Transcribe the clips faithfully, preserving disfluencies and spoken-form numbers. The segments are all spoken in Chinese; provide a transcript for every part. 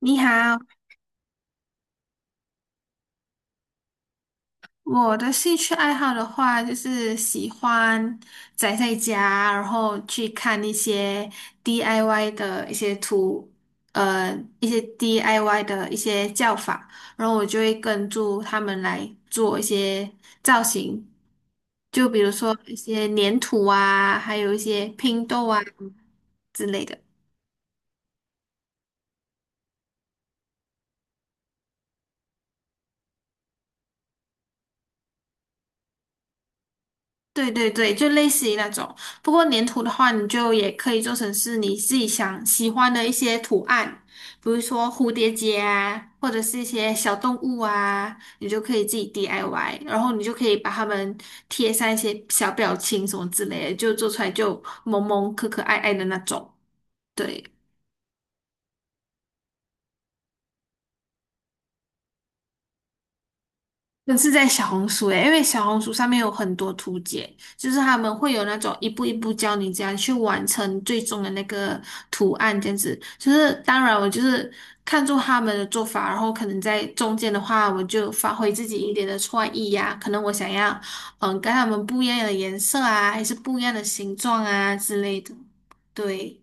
你好。我的兴趣爱好的话，就是喜欢宅在家，然后去看一些 D I Y 的一些图，呃，一些 D I Y 的一些叫法，然后我就会跟住他们来做一些造型，就比如说一些粘土啊，还有一些拼豆啊之类的。对对对，就类似于那种。不过粘土的话，你就也可以做成是你自己想喜欢的一些图案，比如说蝴蝶结啊，或者是一些小动物啊，你就可以自己 D I Y，然后你就可以把它们贴上一些小表情什么之类的，就做出来就萌萌可可爱爱的那种。对。我是在小红书诶，因为小红书上面有很多图解，就是他们会有那种一步一步教你怎样去完成最终的那个图案，这样子。就是当然我就是看中他们的做法，然后可能在中间的话，我就发挥自己一点的创意呀、可能我想要嗯跟他们不一样的颜色啊，还是不一样的形状啊之类的。对。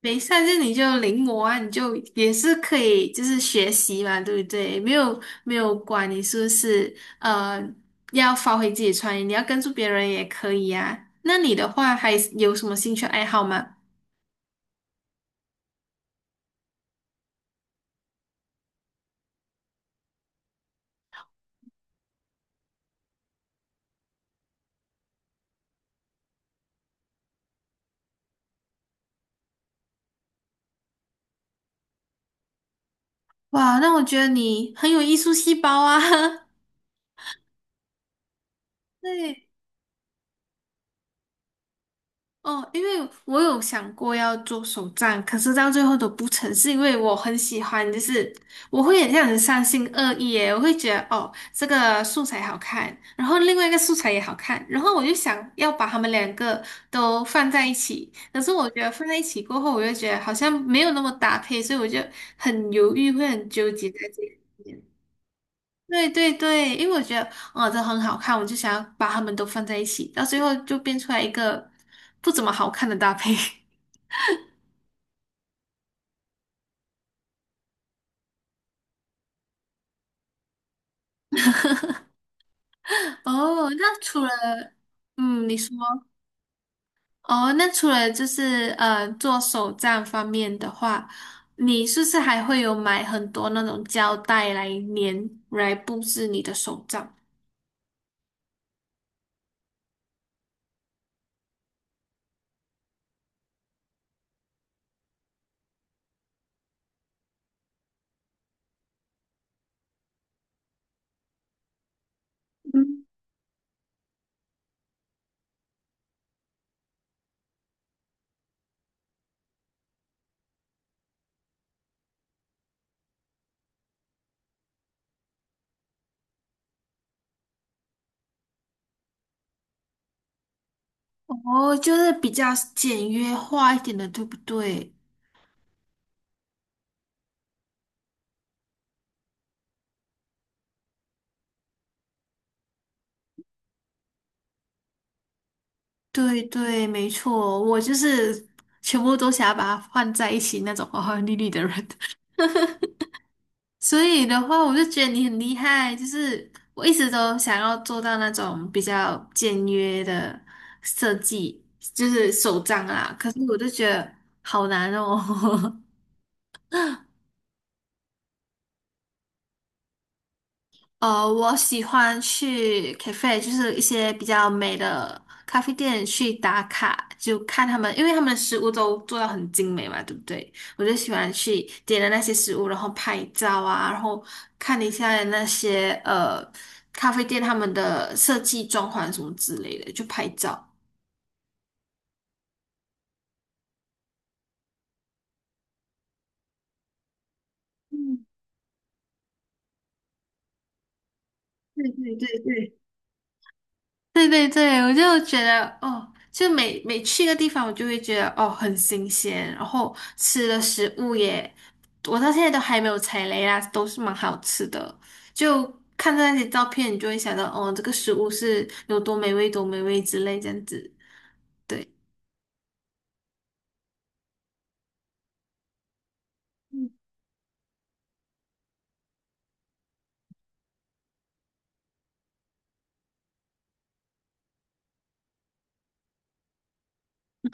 没上就你就临摹啊，你就也是可以，就是学习嘛，对不对？没有没有管你是不是呃要发挥自己的创意，你要跟住别人也可以啊。那你的话还有什么兴趣爱好吗？哇，那我觉得你很有艺术细胞啊。对。哦，因为我有想过要做手账，可是到最后都不成，是因为我很喜欢，就是我会很像很三心二意耶，我会觉得哦，这个素材好看，然后另外一个素材也好看，然后我就想要把它们两个都放在一起，可是我觉得放在一起过后，我就觉得好像没有那么搭配，所以我就很犹豫，会很纠结在这里。对对对，因为我觉得哦，这很好看，我就想要把它们都放在一起，到最后就变出来一个不怎么好看的搭配。哦，那除了嗯，你说哦，那除了就是呃做手账方面的话，你是不是还会有买很多那种胶带来粘来布置你的手账？嗯，哦，就是比较简约化一点的，对不对？对对，没错，我就是全部都想要把它放在一起那种花花绿绿的人。所以的话，我就觉得你很厉害，就是我一直都想要做到那种比较简约的设计，就是手账啦。可是我就觉得好难哦。呃，我喜欢去 cafe，就是一些比较美的咖啡店去打卡，就看他们，因为他们的食物都做到很精美嘛，对不对？我就喜欢去点了那些食物，然后拍照啊，然后看一下那些呃咖啡店他们的设计、装潢什么之类的，就拍照。嗯，对对对对对对对，我就觉得哦，就每每去一个地方，我就会觉得哦很新鲜，然后吃的食物也，我到现在都还没有踩雷啦，都是蛮好吃的。就看到那些照片，你就会想到哦，这个食物是有多美味，多美味之类这样子。对。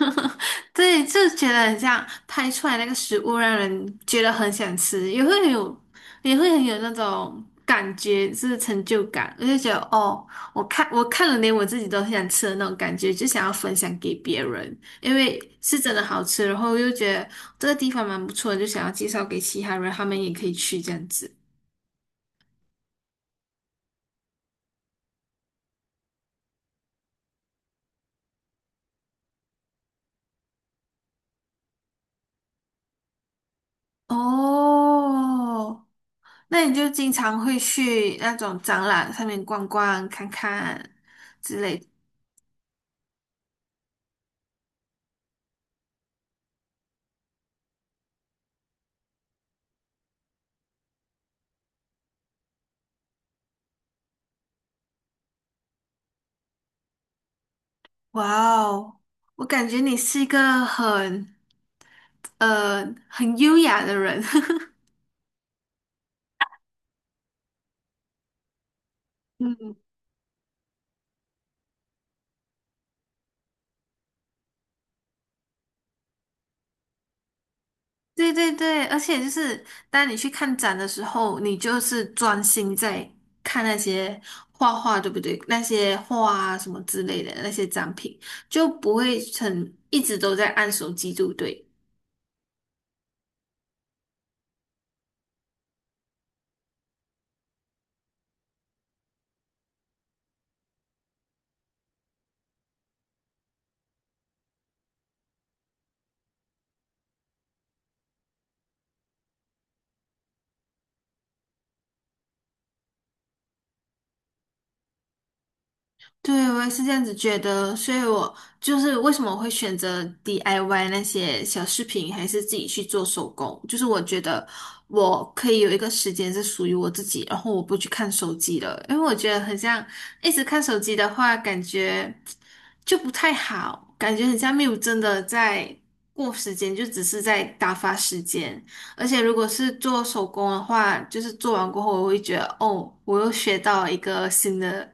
对，就觉得很像拍出来那个食物，让人觉得很想吃，也会很有，也会很有那种感觉，就是成就感。我就觉得，哦，我看我看了，连我自己都很想吃的那种感觉，就想要分享给别人，因为是真的好吃，然后又觉得这个地方蛮不错的，就想要介绍给其他人，他们也可以去这样子。哦，那你就经常会去那种展览上面逛逛、看看之类的。哇哦，我感觉你是一个很呃很优雅的人。嗯，对对对，而且就是当你去看展的时候，你就是专心在看那些画画，对不对？那些画啊什么之类的那些展品，就不会很一直都在按手机，对不对？对，我也是这样子觉得，所以我就是为什么我会选择 D I Y 那些小饰品，还是自己去做手工，就是我觉得我可以有一个时间是属于我自己，然后我不去看手机了，因为我觉得很像一直看手机的话，感觉就不太好，感觉很像没有真的在过时间，就只是在打发时间。而且如果是做手工的话，就是做完过后，我会觉得哦，我又学到一个新的，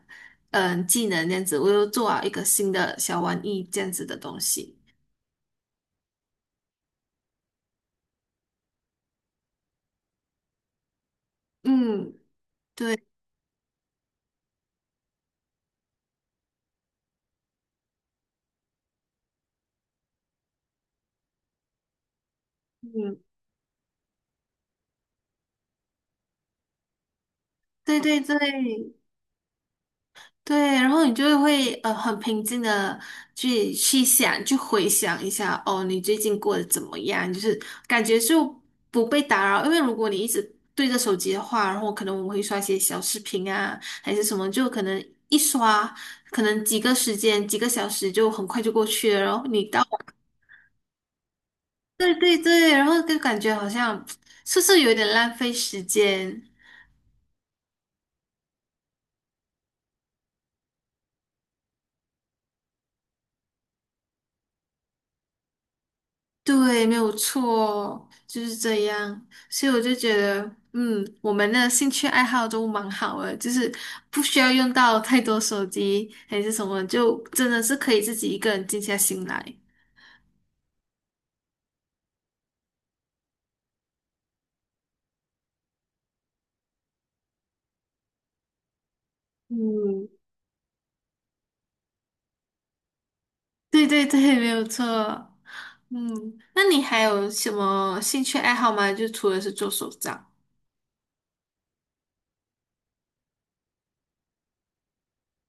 嗯技能这样子，我又做了一个新的小玩意这样子的东西。嗯，对，嗯，对对对对，然后你就会呃很平静的去去想，去回想一下，哦，你最近过得怎么样？就是感觉就不被打扰，因为如果你一直对着手机的话，然后可能我们会刷一些小视频啊，还是什么，就可能一刷。可能几个时间、几个小时就很快就过去了，然后你到对对对，然后就感觉好像是不是有点浪费时间？对，没有错，就是这样。所以我就觉得，嗯，我们的兴趣爱好都蛮好的，就是不需要用到太多手机还是什么，就真的是可以自己一个人静下心来。嗯，对对对，没有错。嗯，那你还有什么兴趣爱好吗？就除了是做手账。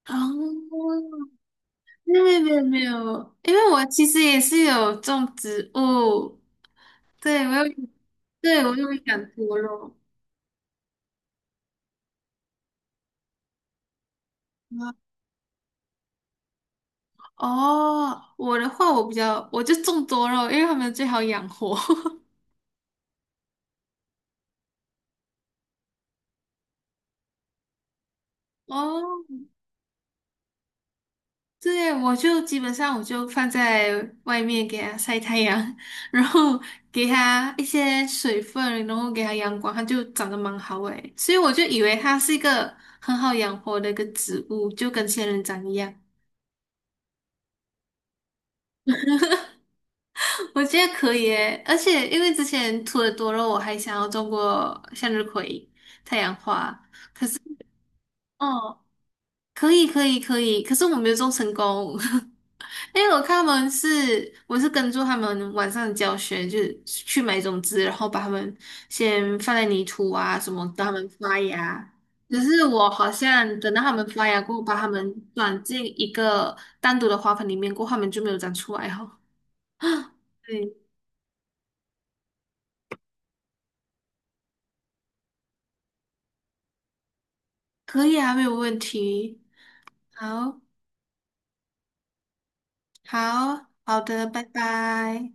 哦，没有没有没有，因为我其实也是有种植物，对我有，对我有养多肉。啊，哦，我的话我比较，我就种多肉，因为他们最好养活。哦，对，我就基本上我就放在外面给它晒太阳，然后给它一些水分，然后给它阳光，它就长得蛮好诶。所以我就以为它是一个很好养活的一个植物，就跟仙人掌一样。我觉得可以诶，而且因为之前土的多肉，我还想要种过向日葵、太阳花。哦，可以，可以，可以，可是我没有种成功，因为我看他们是，我是跟住他们晚上的教学，就是去买种子，然后把它们先放在泥土啊什么，让它们发芽。只是我好像等到它们发芽过后，把它们转进一个单独的花盆里面过后，它们就没有长出来哦。对，可以啊，没有问题。好。好好的，拜拜。